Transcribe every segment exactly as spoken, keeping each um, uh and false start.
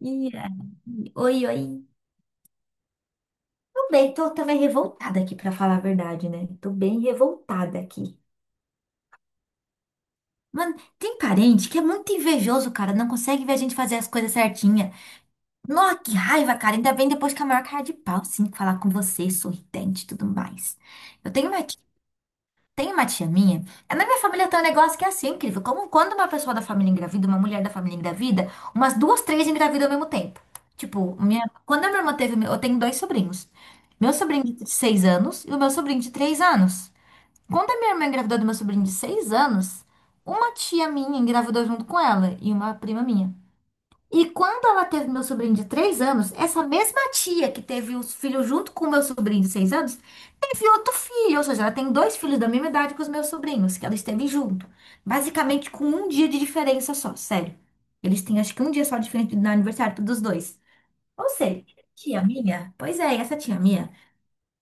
E aí, oi, oi. Tô bem, tô também revoltada aqui, pra falar a verdade, né? Tô bem revoltada aqui. Mano, tem parente que é muito invejoso, cara. Não consegue ver a gente fazer as coisas certinha. Nossa, que raiva, cara. Ainda bem depois que a maior cara de pau, sim, falar com você, sorridente e tudo mais. Eu tenho uma Tem uma tia minha, é, na minha família tem um negócio que é assim, incrível. Como quando uma pessoa da família engravida, uma mulher da família engravida, umas duas, três engravidam ao mesmo tempo. Tipo, minha, quando a minha irmã teve, eu tenho dois sobrinhos. Meu sobrinho de seis anos e o meu sobrinho de três anos. Quando a minha irmã engravidou do meu sobrinho de seis anos, uma tia minha engravidou junto com ela e uma prima minha. E quando ela teve meu sobrinho de três anos, essa mesma tia que teve os filhos junto com o meu sobrinho de seis anos, teve outro filho. Ou seja, ela tem dois filhos da mesma idade que os meus sobrinhos, que ela esteve junto. Basicamente com um dia de diferença só, sério. Eles têm acho que um dia só de diferença no aniversário dos dois. Ou seja, tia minha, pois é, essa tia minha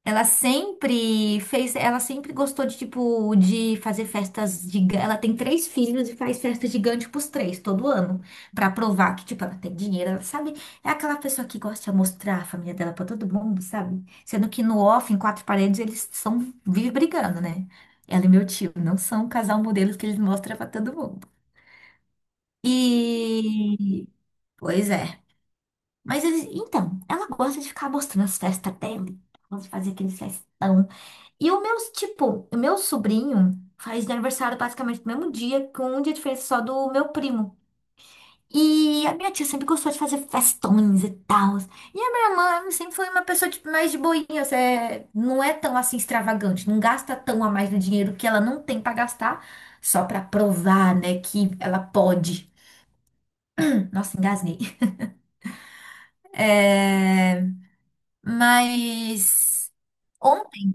ela sempre fez, ela sempre gostou de tipo de fazer festas gigantes. Ela tem três filhos e faz festa gigante pros três todo ano. Pra provar que tipo ela tem dinheiro, ela sabe? É aquela pessoa que gosta de mostrar a família dela pra todo mundo, sabe? Sendo que no off, em quatro paredes, eles são vive brigando, né? Ela e meu tio não são o casal modelo que eles mostram pra todo mundo. E, pois é. Mas eles, então, ela gosta de ficar mostrando as festas dela, ela gosta de fazer aqueles festão. E o meu, tipo, o meu sobrinho faz aniversário basicamente no mesmo dia, com um dia de diferença só do meu primo. E a minha tia sempre gostou de fazer festões e tal. E a minha irmã sempre foi uma pessoa tipo, mais de boinhas, é, não é tão assim extravagante, não gasta tão a mais do dinheiro que ela não tem pra gastar, só pra provar, né, que ela pode. Nossa, engasguei. É, mas ontem,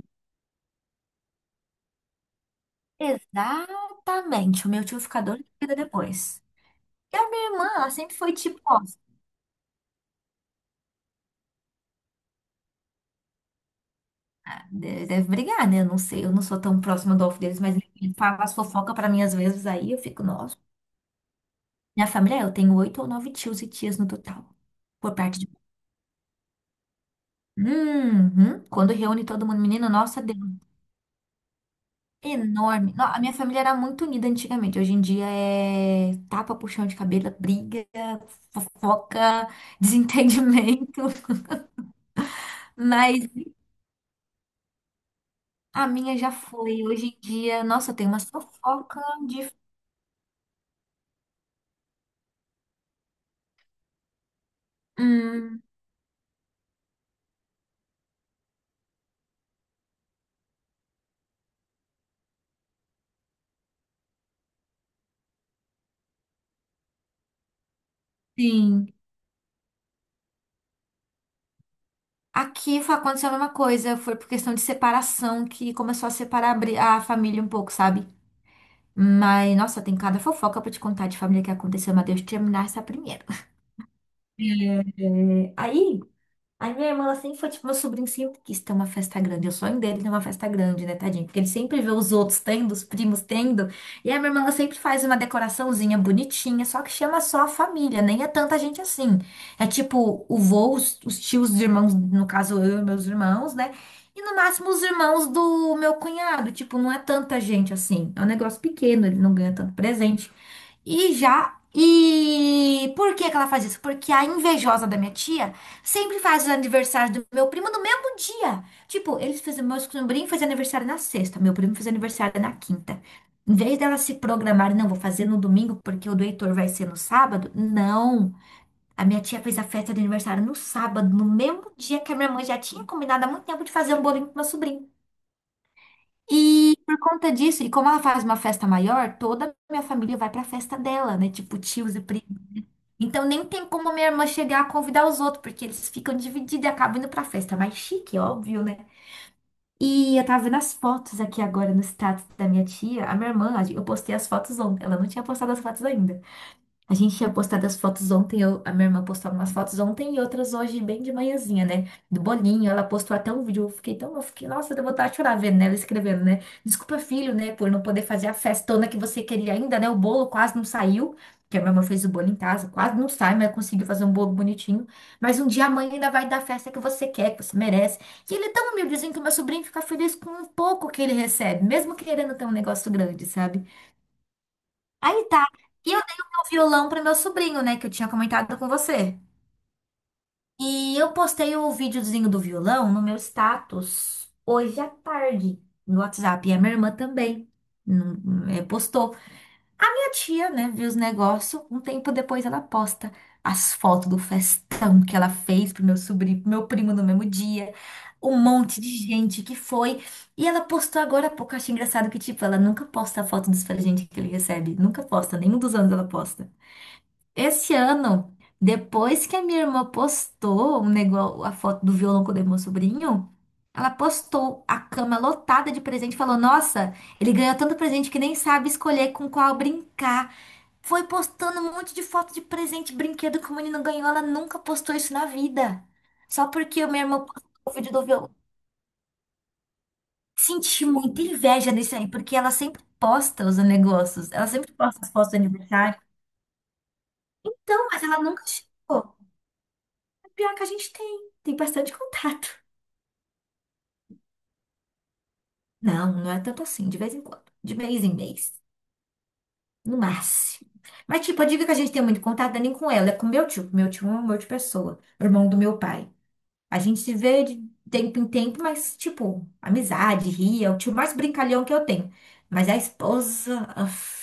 exatamente, o meu tio ficou doido depois. E a minha irmã, ela sempre foi tipo, ó, deve, deve brigar, né? Eu não sei, eu não sou tão próxima do off deles, mas ele fala as fofocas pra mim às vezes, aí eu fico, nossa. Minha família, eu tenho oito ou nove tios e tias no total, por parte de... Uhum. Quando reúne todo mundo, menino, nossa, Deus, enorme. No- a minha família era muito unida antigamente, hoje em dia é tapa, puxão de cabelo, briga, fofoca, desentendimento, mas a minha já foi. Hoje em dia, nossa, eu tenho uma fofoca de... Hum, sim. Aqui foi aconteceu a mesma coisa, foi por questão de separação que começou a separar a bri- a família um pouco, sabe? Mas, nossa, tem cada fofoca pra te contar de família que aconteceu, mas deixa eu terminar essa primeira. É, aí. Aí minha irmã, ela sempre foi tipo, meu sobrinho sempre quis ter uma festa grande. O sonho dele é ter uma festa grande, né, tadinho? Porque ele sempre vê os outros tendo, os primos tendo. E a minha irmã, ela sempre faz uma decoraçãozinha bonitinha, só que chama só a família, nem é tanta gente assim. É tipo o vô, os, os tios, os irmãos, no caso eu e meus irmãos, né? E no máximo os irmãos do meu cunhado. Tipo, não é tanta gente assim. É um negócio pequeno, ele não ganha tanto presente. E já. E por que que ela faz isso? Porque a invejosa da minha tia sempre faz os aniversários do meu primo no mesmo dia. Tipo, eles fizeram, meu sobrinho fez aniversário na sexta, meu primo fez aniversário na quinta. Em vez dela se programar, não, vou fazer no domingo porque o do Heitor vai ser no sábado. Não. A minha tia fez a festa de aniversário no sábado, no mesmo dia que a minha mãe já tinha combinado há muito tempo de fazer um bolinho pro meu sobrinho. E por conta disso, e como ela faz uma festa maior, toda a minha família vai pra festa dela, né? Tipo, tios e primos. Então nem tem como minha irmã chegar a convidar os outros, porque eles ficam divididos e acabam indo pra festa mais chique, óbvio, né? E eu tava vendo as fotos aqui agora no status da minha tia. A minha irmã, a gen- eu postei as fotos ontem. Ela não tinha postado as fotos ainda. A gente tinha postado as fotos ontem, eu- a minha irmã postou algumas fotos ontem e outras hoje, bem de manhãzinha, né? Do bolinho, ela postou até um vídeo, eu fiquei tão, eu fiquei, nossa, deu vontade de chorar vendo, né? Ela escrevendo, né? Desculpa, filho, né, por não poder fazer a festona que você queria ainda, né? O bolo quase não saiu, que a minha irmã fez o bolo em casa, quase não sai, mas conseguiu fazer um bolo bonitinho. Mas um dia a mãe ainda vai dar a festa que você quer, que você merece. E ele é tão humildezinho que o meu sobrinho fica feliz com um pouco que ele recebe, mesmo querendo ter um negócio grande, sabe? Aí tá. E eu dei o meu violão pro meu sobrinho, né? Que eu tinha comentado com você. E eu postei o videozinho do violão no meu status hoje à tarde no WhatsApp. E a minha irmã também hum, é, postou. Minha tia, né, viu os negócios. Um tempo depois ela posta as fotos do festão que ela fez pro meu sobrinho, pro meu primo no mesmo dia. Um monte de gente que foi. E ela postou agora há pouco. Eu Achei engraçado que, tipo, ela nunca posta a foto dos presentes que ele recebe. Nunca posta. Nenhum dos anos ela posta. Esse ano, depois que a minha irmã postou um negócio, a foto do violão que eu dei pro meu sobrinho, ela postou a cama lotada de presente e falou: nossa, ele ganhou tanto presente que nem sabe escolher com qual brincar. Foi postando um monte de foto de presente, brinquedo que o menino ganhou. Ela nunca postou isso na vida. Só porque a minha irmã postou o vídeo do violão. Senti muita inveja nisso aí, porque ela sempre posta os negócios. Ela sempre posta as fotos de aniversário. Então, mas ela nunca chegou. Pior que a gente tem. Tem bastante contato. Não, não é tanto assim, de vez em quando. De mês em mês. No máximo. Mas, tipo, a dica que a gente tem muito contato não é nem com ela, é com meu tio. Meu tio é um amor de pessoa, irmão do meu pai. A gente se vê de tempo em tempo, mas, tipo, amizade, ria. É o tio mais brincalhão que eu tenho. Mas a esposa. Uf.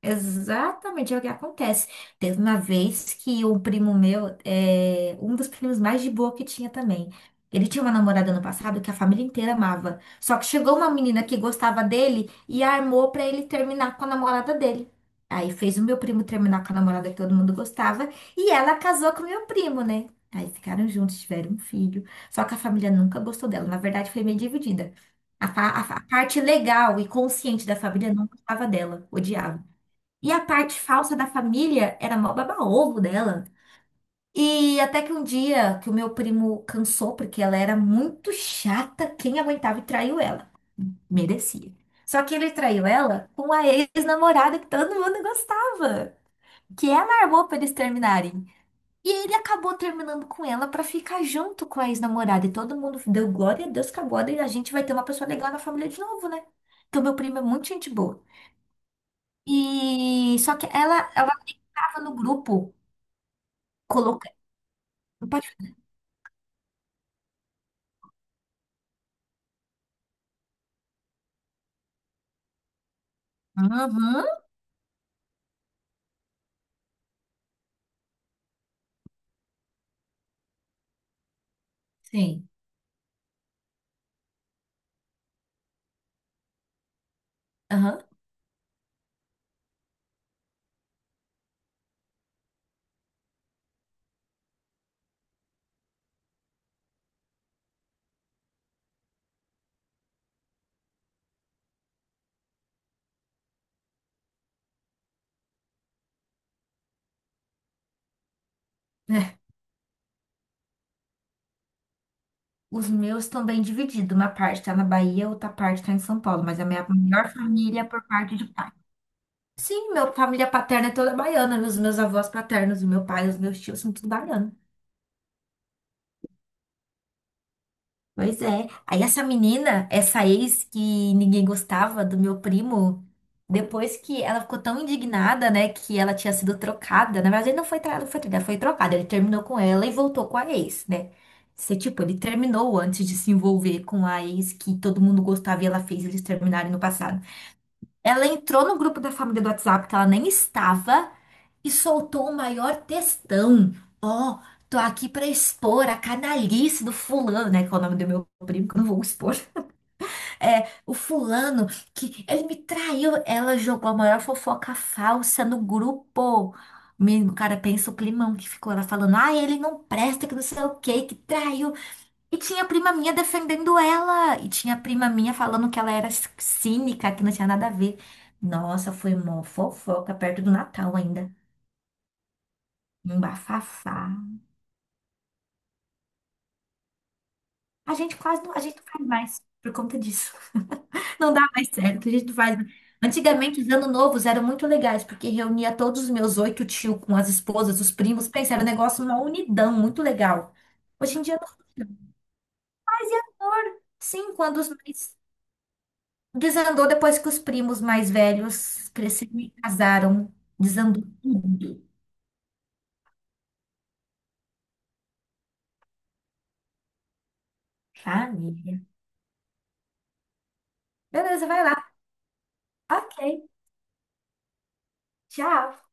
Exatamente, é o que acontece. Teve uma vez que um primo meu, é, um dos primos mais de boa que tinha também. Ele tinha uma namorada no passado que a família inteira amava. Só que chegou uma menina que gostava dele e armou pra ele terminar com a namorada dele. Aí fez o meu primo terminar com a namorada que todo mundo gostava e ela casou com o meu primo, né? Aí ficaram juntos, tiveram um filho. Só que a família nunca gostou dela. Na verdade, foi meio dividida. A, fa- a fa- a parte legal e consciente da família não gostava dela, odiava. E a parte falsa da família era mó baba-ovo dela. E até que um dia que o meu primo cansou, porque ela era muito chata, quem aguentava e traiu ela. Merecia. Só que ele traiu ela com a ex-namorada que todo mundo gostava. Que ela armou pra eles terminarem. E ele acabou terminando com ela pra ficar junto com a ex-namorada. E todo mundo deu glória a Deus que agora a gente vai ter uma pessoa legal na família de novo, né? Porque o meu primo é muito gente boa. E só que ela, ela tava no grupo. Colocar. Pode... Aham, sim. Aham. É. Os meus estão bem divididos. Uma parte tá na Bahia, outra parte tá em São Paulo. Mas a minha maior família é por parte de pai. Sim, minha família paterna é toda baiana. Os meus avós paternos, o meu pai, os meus tios são tudo baianos. Pois é. Aí essa menina, essa ex que ninguém gostava do meu primo, depois que ela ficou tão indignada, né, que ela tinha sido trocada. Na verdade, ele não foi tra- foi trocada, foi trocada. Ele terminou com ela e voltou com a ex, né? Se, tipo, ele terminou antes de se envolver com a ex que todo mundo gostava e ela fez eles terminarem no passado. Ela entrou no grupo da família do WhatsApp que ela nem estava e soltou o maior textão. Ó, tô aqui pra expor a canalice do fulano, né? Que é o nome do meu primo, que eu não vou expor. É, o fulano que ele me traiu. Ela jogou a maior fofoca falsa no grupo. Menino, o cara, pensa o climão que ficou. Ela falando, ah, ele não presta, que não sei o quê, que traiu. E tinha prima minha defendendo ela. E tinha prima minha falando que ela era c- cínica, que não tinha nada a ver. Nossa, foi uma fofoca perto do Natal ainda. Um bafafá. A gente quase não, a gente não faz mais por conta disso. Não dá mais certo, a gente não faz. mais. Antigamente, os anos novos eram muito legais, porque reunia todos os meus oito tios com as esposas, os primos. Pensa, era um negócio, uma unidão muito legal. Hoje em dia, não. Fazia amor, sim, quando os mais. Desandou depois que os primos mais velhos cresceram e casaram. Desandou tudo. Família. Beleza, vai lá. Ok, tchau.